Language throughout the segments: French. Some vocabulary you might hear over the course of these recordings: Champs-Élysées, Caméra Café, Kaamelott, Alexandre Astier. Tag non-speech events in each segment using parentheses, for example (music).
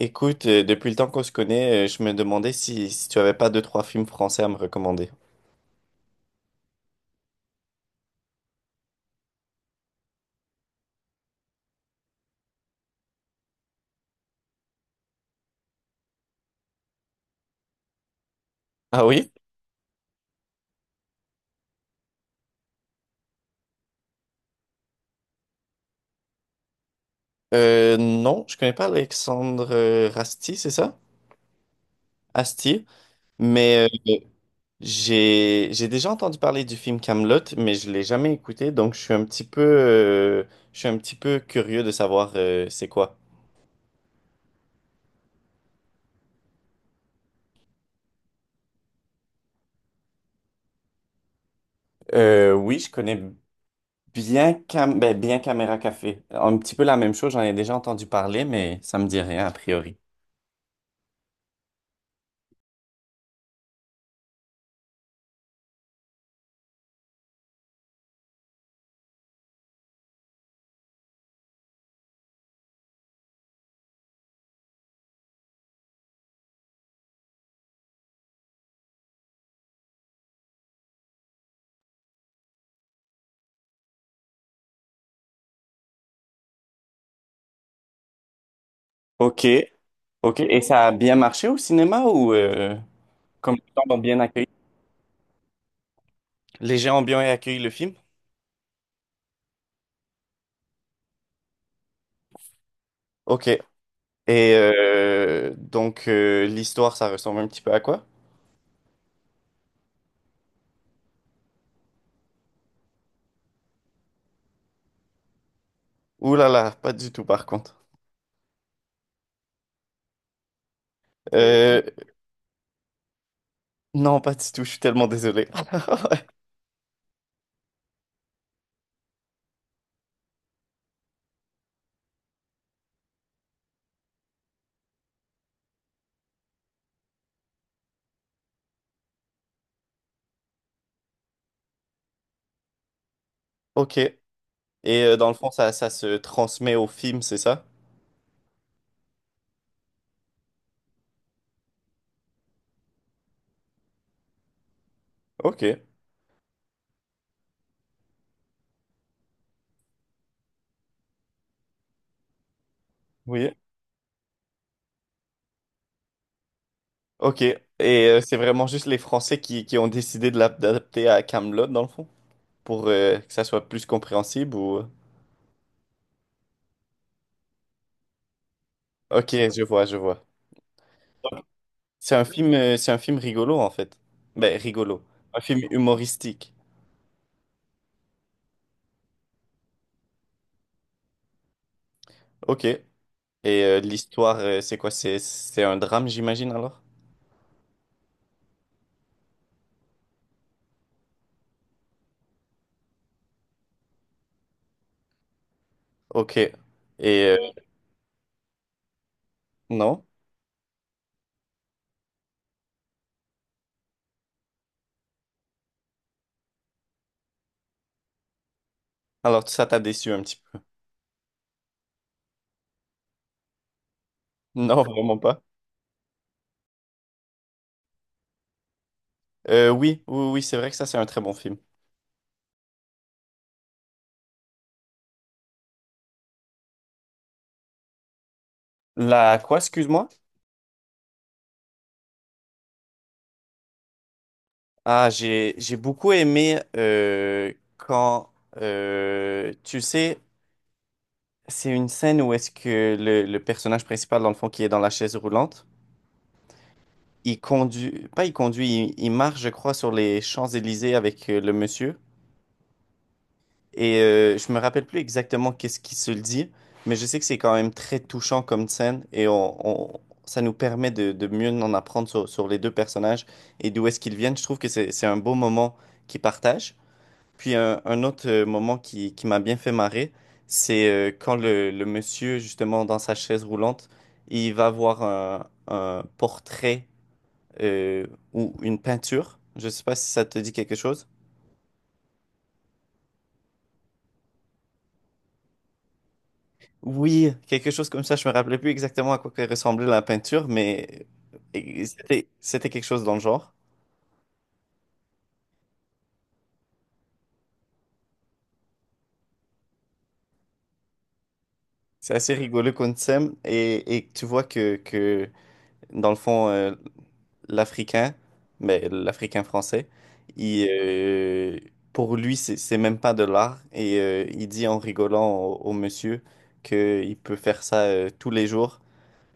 Écoute, depuis le temps qu'on se connaît, je me demandais si tu avais pas deux, trois films français à me recommander. Ah oui? Non, je connais pas Alexandre Rasti, c'est ça? Astier. Mais j'ai déjà entendu parler du film Kaamelott, mais je l'ai jamais écouté, donc je suis un petit peu je suis un petit peu curieux de savoir c'est quoi. Oui, je connais bien bien Caméra Café. Un petit peu la même chose, j'en ai déjà entendu parler, mais ça me dit rien a priori. Ok, ok. Et ça a bien marché au cinéma ou comme les gens l'ont bien accueilli? Les gens ont bien accueilli le film? Ok. Et donc l'histoire, ça ressemble un petit peu à quoi? Ouh là là, pas du tout par contre. Euh, non, pas du tout, je suis tellement désolé. (laughs) Ok. Et dans le fond, ça se transmet au film, c'est ça? Ok. Oui. Ok. Et c'est vraiment juste les Français qui ont décidé de l'adapter à Camelot, dans le fond, pour que ça soit plus compréhensible ou... Ok, je vois, je vois. C'est un film rigolo en fait. Ben, rigolo. Un film humoristique. Ok. Et l'histoire, c'est quoi? C'est un drame, j'imagine alors? Ok. Et euh, non? Alors ça t'a déçu un petit peu. (laughs) Non, vraiment pas. Oui, oui, oui, c'est vrai que ça, c'est un très bon film. La quoi, excuse-moi? Ah, j'ai beaucoup aimé quand, tu sais, c'est une scène où est-ce que le personnage principal, dans le fond, qui est dans la chaise roulante. Il conduit, pas il conduit, il marche, je crois, sur les Champs-Élysées avec le monsieur. Et je me rappelle plus exactement qu'est-ce qu'il se dit, mais je sais que c'est quand même très touchant comme scène et ça nous permet de mieux en apprendre sur les deux personnages et d'où est-ce qu'ils viennent. Je trouve que c'est un beau moment qu'ils partagent. Puis un autre moment qui m'a bien fait marrer, c'est quand le monsieur, justement, dans sa chaise roulante, il va voir un portrait euh, ou une peinture. Je ne sais pas si ça te dit quelque chose. Oui, quelque chose comme ça. Je me rappelais plus exactement à quoi que ressemblait la peinture, mais et c'était quelque chose dans le genre. C'est assez rigolo qu'on s'aime et tu vois que dans le fond, l'Africain, mais l'Africain français, il, euh, pour lui, c'est même pas de l'art et il dit en rigolant au monsieur qu'il peut faire ça tous les jours.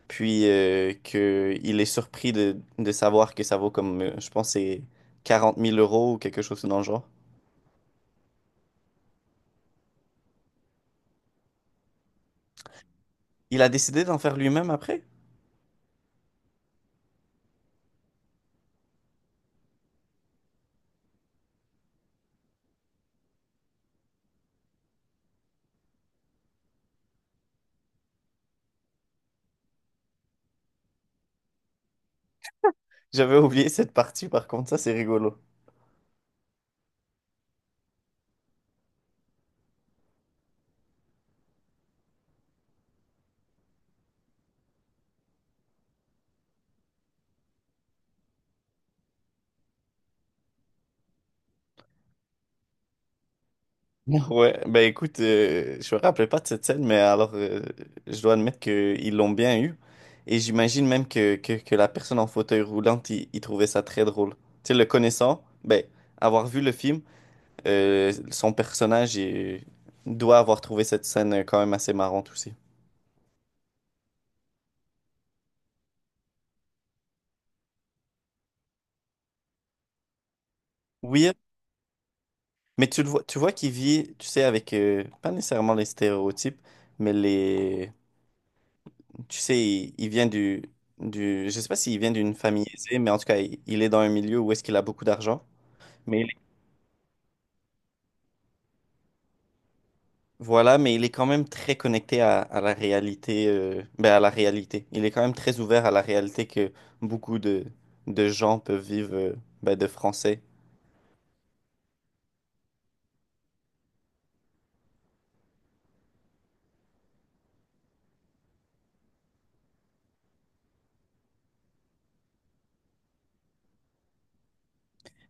Puis que il est surpris de savoir que ça vaut comme, je pense, c'est 40 000 € ou quelque chose dans le genre. Il a décidé d'en faire lui-même après? J'avais oublié cette partie, par contre, ça c'est rigolo. (laughs) Ouais, ben écoute, je me rappelais pas de cette scène, mais alors je dois admettre qu'ils l'ont bien eu. Et j'imagine même que la personne en fauteuil roulant, il trouvait ça très drôle. Tu sais, le connaissant, ben, avoir vu le film, son personnage il doit avoir trouvé cette scène quand même assez marrante aussi. Oui, mais tu le vois, tu vois qu'il vit, tu sais, avec pas nécessairement les stéréotypes, mais les, tu sais, il vient du je sais pas s'il vient d'une famille aisée, mais en tout cas, il est dans un milieu où est-ce qu'il a beaucoup d'argent. Mais il- voilà, mais il est quand même très connecté à la réalité, ben à la réalité. Il est quand même très ouvert à la réalité que beaucoup de gens peuvent vivre, ben, de français.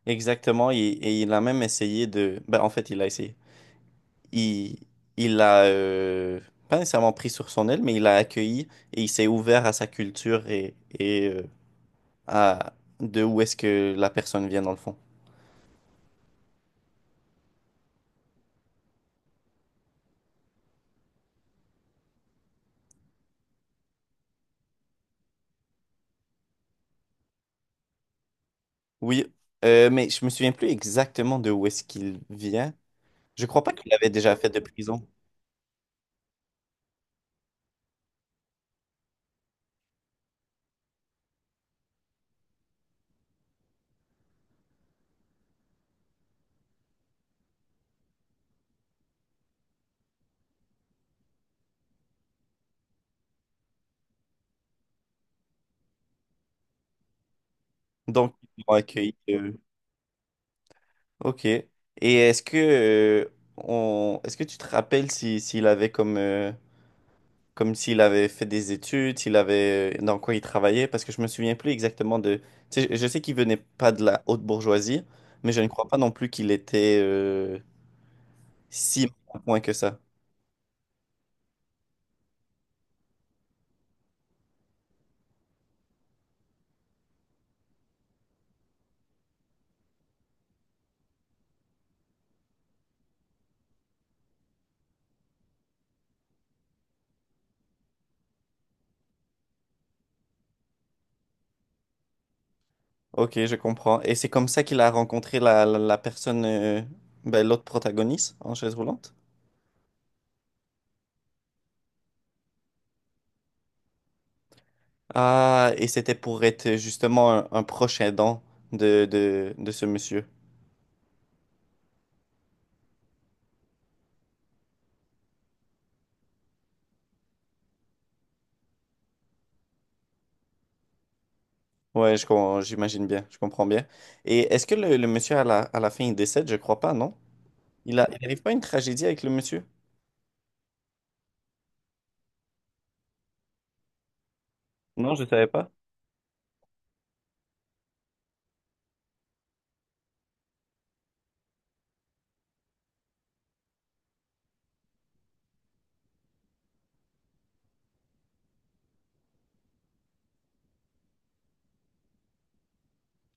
Exactement, et il a même essayé de, ben en fait, il a essayé. il, il a, pas nécessairement pris sur son aile, mais il a accueilli et il s'est ouvert à sa culture et à de où est-ce que la personne vient dans le fond. Oui, mais je me souviens plus exactement de où est-ce qu'il vient. Je crois pas qu'il l'avait déjà fait de prison. Donc, ils l'ont accueilli. Ok. Et est-ce que, est-ce que tu te rappelles si, s'il avait comme comme s'il avait fait des études, s'il avait dans quoi il travaillait, parce que je me souviens plus exactement de. Tu sais, je sais qu'il venait pas de la haute bourgeoisie, mais je ne crois pas non plus qu'il était si mal à point que ça. Ok, je comprends. Et c'est comme ça qu'il a rencontré la personne, ben, l'autre protagoniste en chaise roulante. Ah, et c'était pour être justement un proche aidant de ce monsieur. Ouais, j'imagine bien, je comprends bien. Et est-ce que le monsieur à à la fin il décède? Je crois pas, non? Il a, il arrive pas une tragédie avec le monsieur? Non, je savais pas.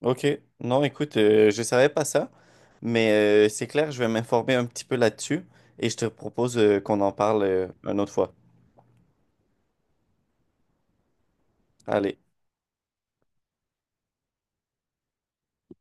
Ok, non, écoute, je savais pas ça, mais c'est clair, je vais m'informer un petit peu là-dessus et je te propose qu'on en parle une autre fois. Allez.